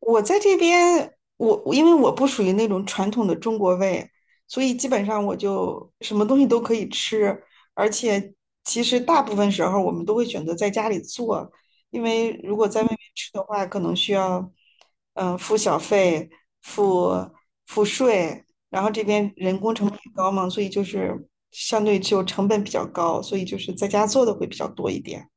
我在这边，我因为我不属于那种传统的中国胃，所以基本上我就什么东西都可以吃，而且其实大部分时候我们都会选择在家里做，因为如果在外面吃的话，可能需要付小费、付付税，然后这边人工成本也高嘛，所以就是相对就成本比较高，所以就是在家做的会比较多一点。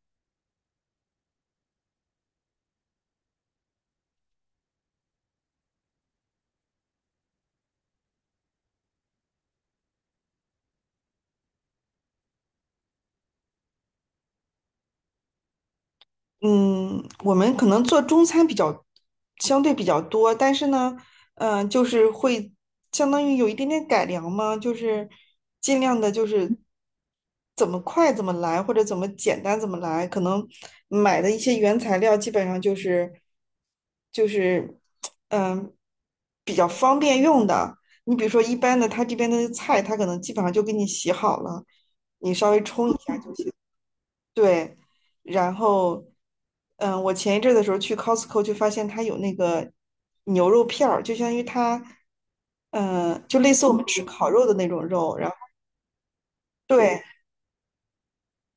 嗯，我们可能做中餐比较相对比较多，但是呢，就是会相当于有一点点改良嘛，就是尽量的，就是怎么快怎么来，或者怎么简单怎么来。可能买的一些原材料基本上就是嗯、比较方便用的。你比如说一般的，他这边的菜，他可能基本上就给你洗好了，你稍微冲一下就行。对，然后，嗯，我前一阵儿的时候去 Costco 就发现它有那个牛肉片儿，就相当于它，嗯，就类似我们吃烤肉的那种肉，然后对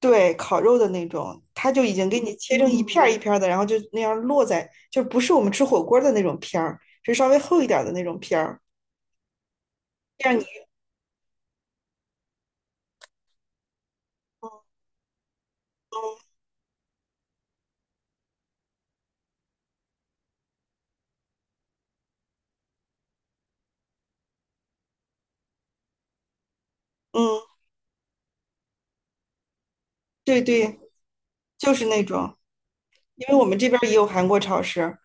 对，烤肉的那种，它就已经给你切成一片儿一片儿的，然后就那样落在，就不是我们吃火锅儿的那种片儿，是稍微厚一点儿的那种片儿，这样你，嗯，对对，就是那种。因为我们这边儿也有韩国超市，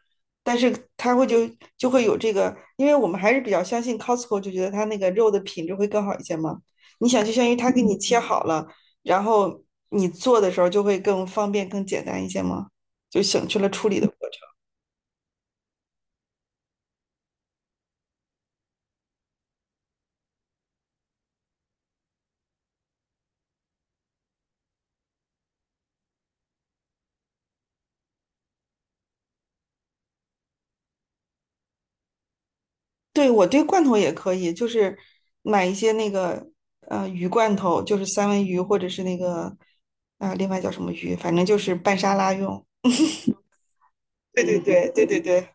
但是它会就会有这个，因为我们还是比较相信 Costco,就觉得它那个肉的品质会更好一些嘛。你想，就相当于他给你切好了，然后你做的时候就会更方便、更简单一些嘛，就省去了处理的过程。对，我对罐头也可以，就是买一些那个鱼罐头，就是三文鱼或者是那个另外叫什么鱼，反正就是拌沙拉用。对对对对对对，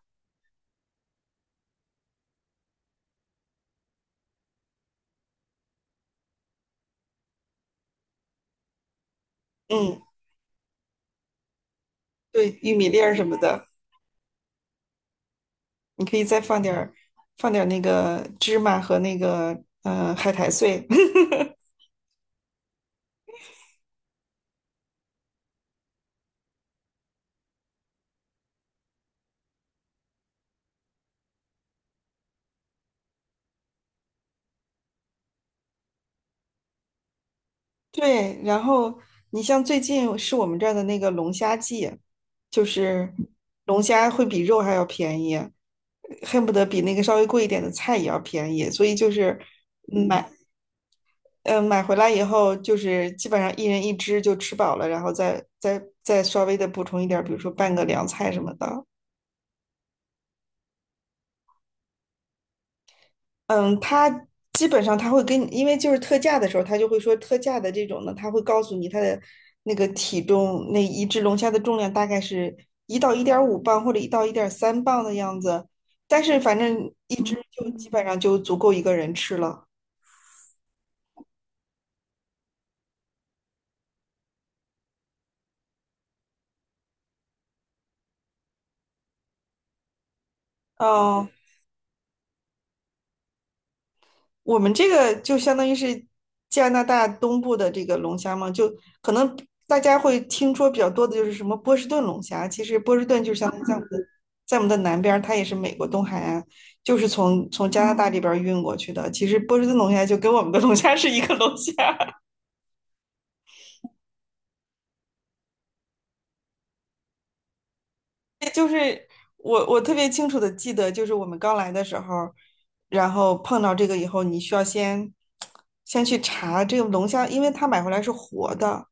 嗯，对，玉米粒儿什么的。你可以再放点儿那个芝麻和那个海苔碎。对，然后你像最近是我们这儿的那个龙虾季，就是龙虾会比肉还要便宜，恨不得比那个稍微贵一点的菜也要便宜，所以就是嗯买买回来以后，就是基本上一人一只就吃饱了，然后再稍微的补充一点儿，比如说拌个凉菜什么的。嗯，他基本上他会跟你，因为就是特价的时候，他就会说特价的这种呢，他会告诉你他的那个体重，那一只龙虾的重量大概是1到1.5磅或者1到1.3磅的样子，但是反正一只就基本上就足够一个人吃了。嗯，我们这个就相当于是加拿大东部的这个龙虾嘛，就可能大家会听说比较多的就是什么波士顿龙虾，其实波士顿就相当于在我们的南边儿它也是美国东海岸，就是从加拿大这边儿运过去的。其实波士顿龙虾就跟我们的龙虾是一个龙虾。就是我特别清楚的记得，就是我们刚来的时候，然后碰到这个以后，你需要先去查这个龙虾，因为它买回来是活的，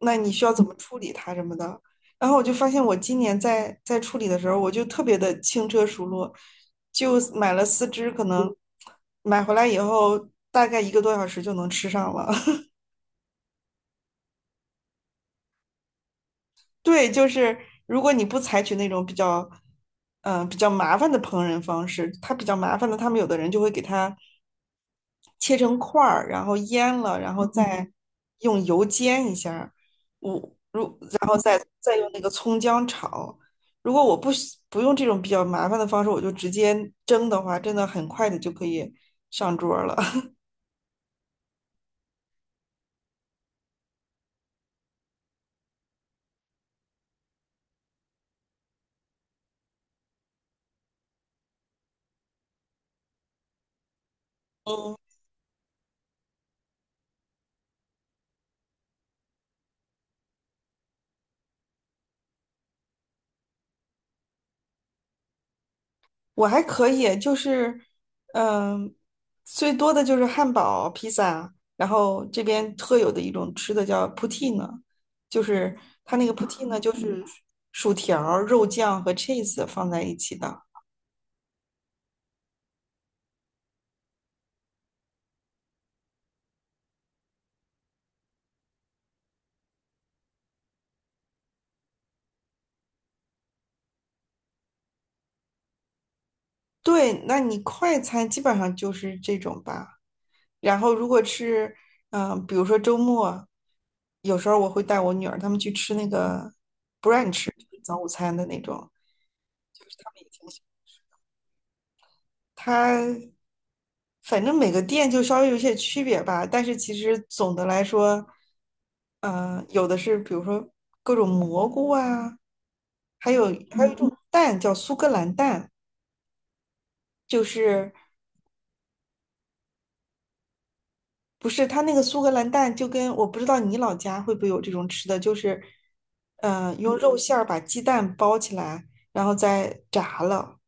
那你需要怎么处理它什么的。然后我就发现，我今年在处理的时候，我就特别的轻车熟路，就买了四只，可能买回来以后大概一个多小时就能吃上了。对，就是如果你不采取那种比较，比较麻烦的烹饪方式，它比较麻烦的，他们有的人就会给它切成块儿，然后腌了，然后再用油煎一下儿再用那个葱姜炒。如果我不用这种比较麻烦的方式，我就直接蒸的话，真的很快的就可以上桌儿了。嗯，我还可以，就是，嗯、最多的就是汉堡、披萨，然后这边特有的一种吃的叫 poutine,就是它那个 poutine 就是薯条儿肉酱和 cheese 放在一起的。对，那你快餐基本上就是这种吧。然后如果是，比如说周末，有时候我会带我女儿她们去吃那个 brunch,就是早午餐的那种。就是她们也挺喜它反正每个店就稍微有些区别吧，但是其实总的来说，嗯，有的是比如说各种蘑菇啊，还有还有一种蛋叫苏格兰蛋，就是不是它那个苏格兰蛋就跟我不知道你老家会不会有这种吃的，就是用肉馅儿把鸡蛋包起来，然后再炸了。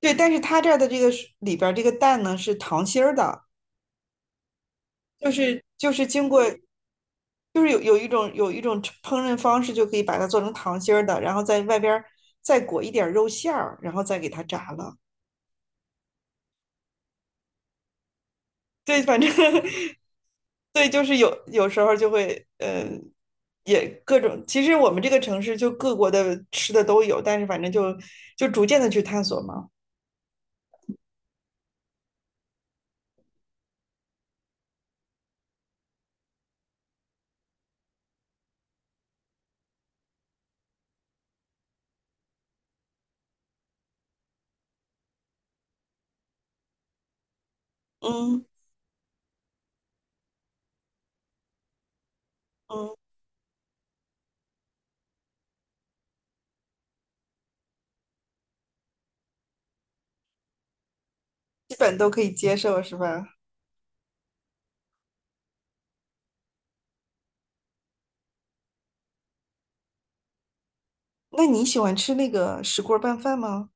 对，但是它这儿的这个是里边儿这个蛋呢是糖心儿的，就是经过，就是有一种烹饪方式，就可以把它做成糖心儿的，然后在外边儿再裹一点儿肉馅儿，然后再给它炸了。对，反正 对，就是有时候就会，嗯，也各种。其实我们这个城市就各国的吃的都有，但是反正就逐渐的去探索嘛。嗯嗯，基本都可以接受，是吧？那你喜欢吃那个石锅拌饭吗？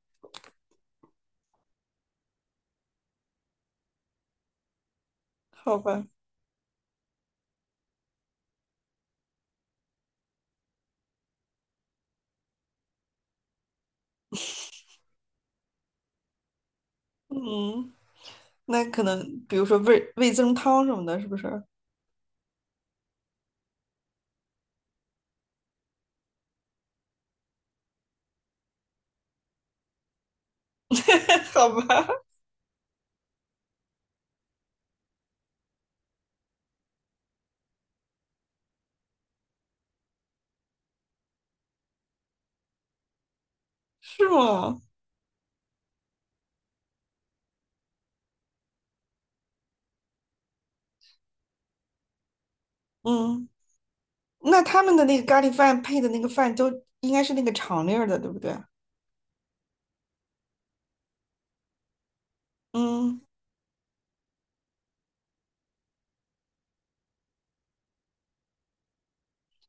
好吧，嗯。那可能比如说味增汤什么的，是不是？好吧，是吗？嗯，那他们的那个咖喱饭配的那个饭都应该是那个长粒儿的，对不对？嗯，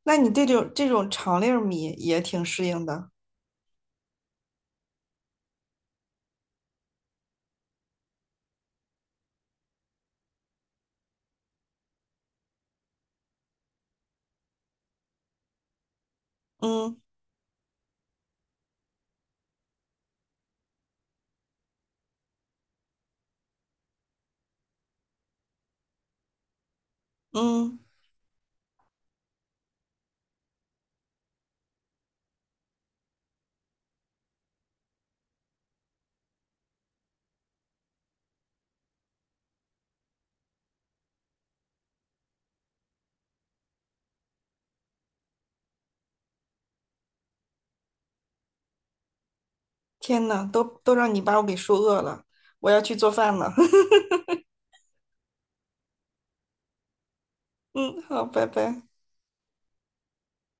那你对这种长粒儿米也挺适应的。嗯嗯，天呐，都让你把我给说饿了，我要去做饭了。嗯，好，拜拜。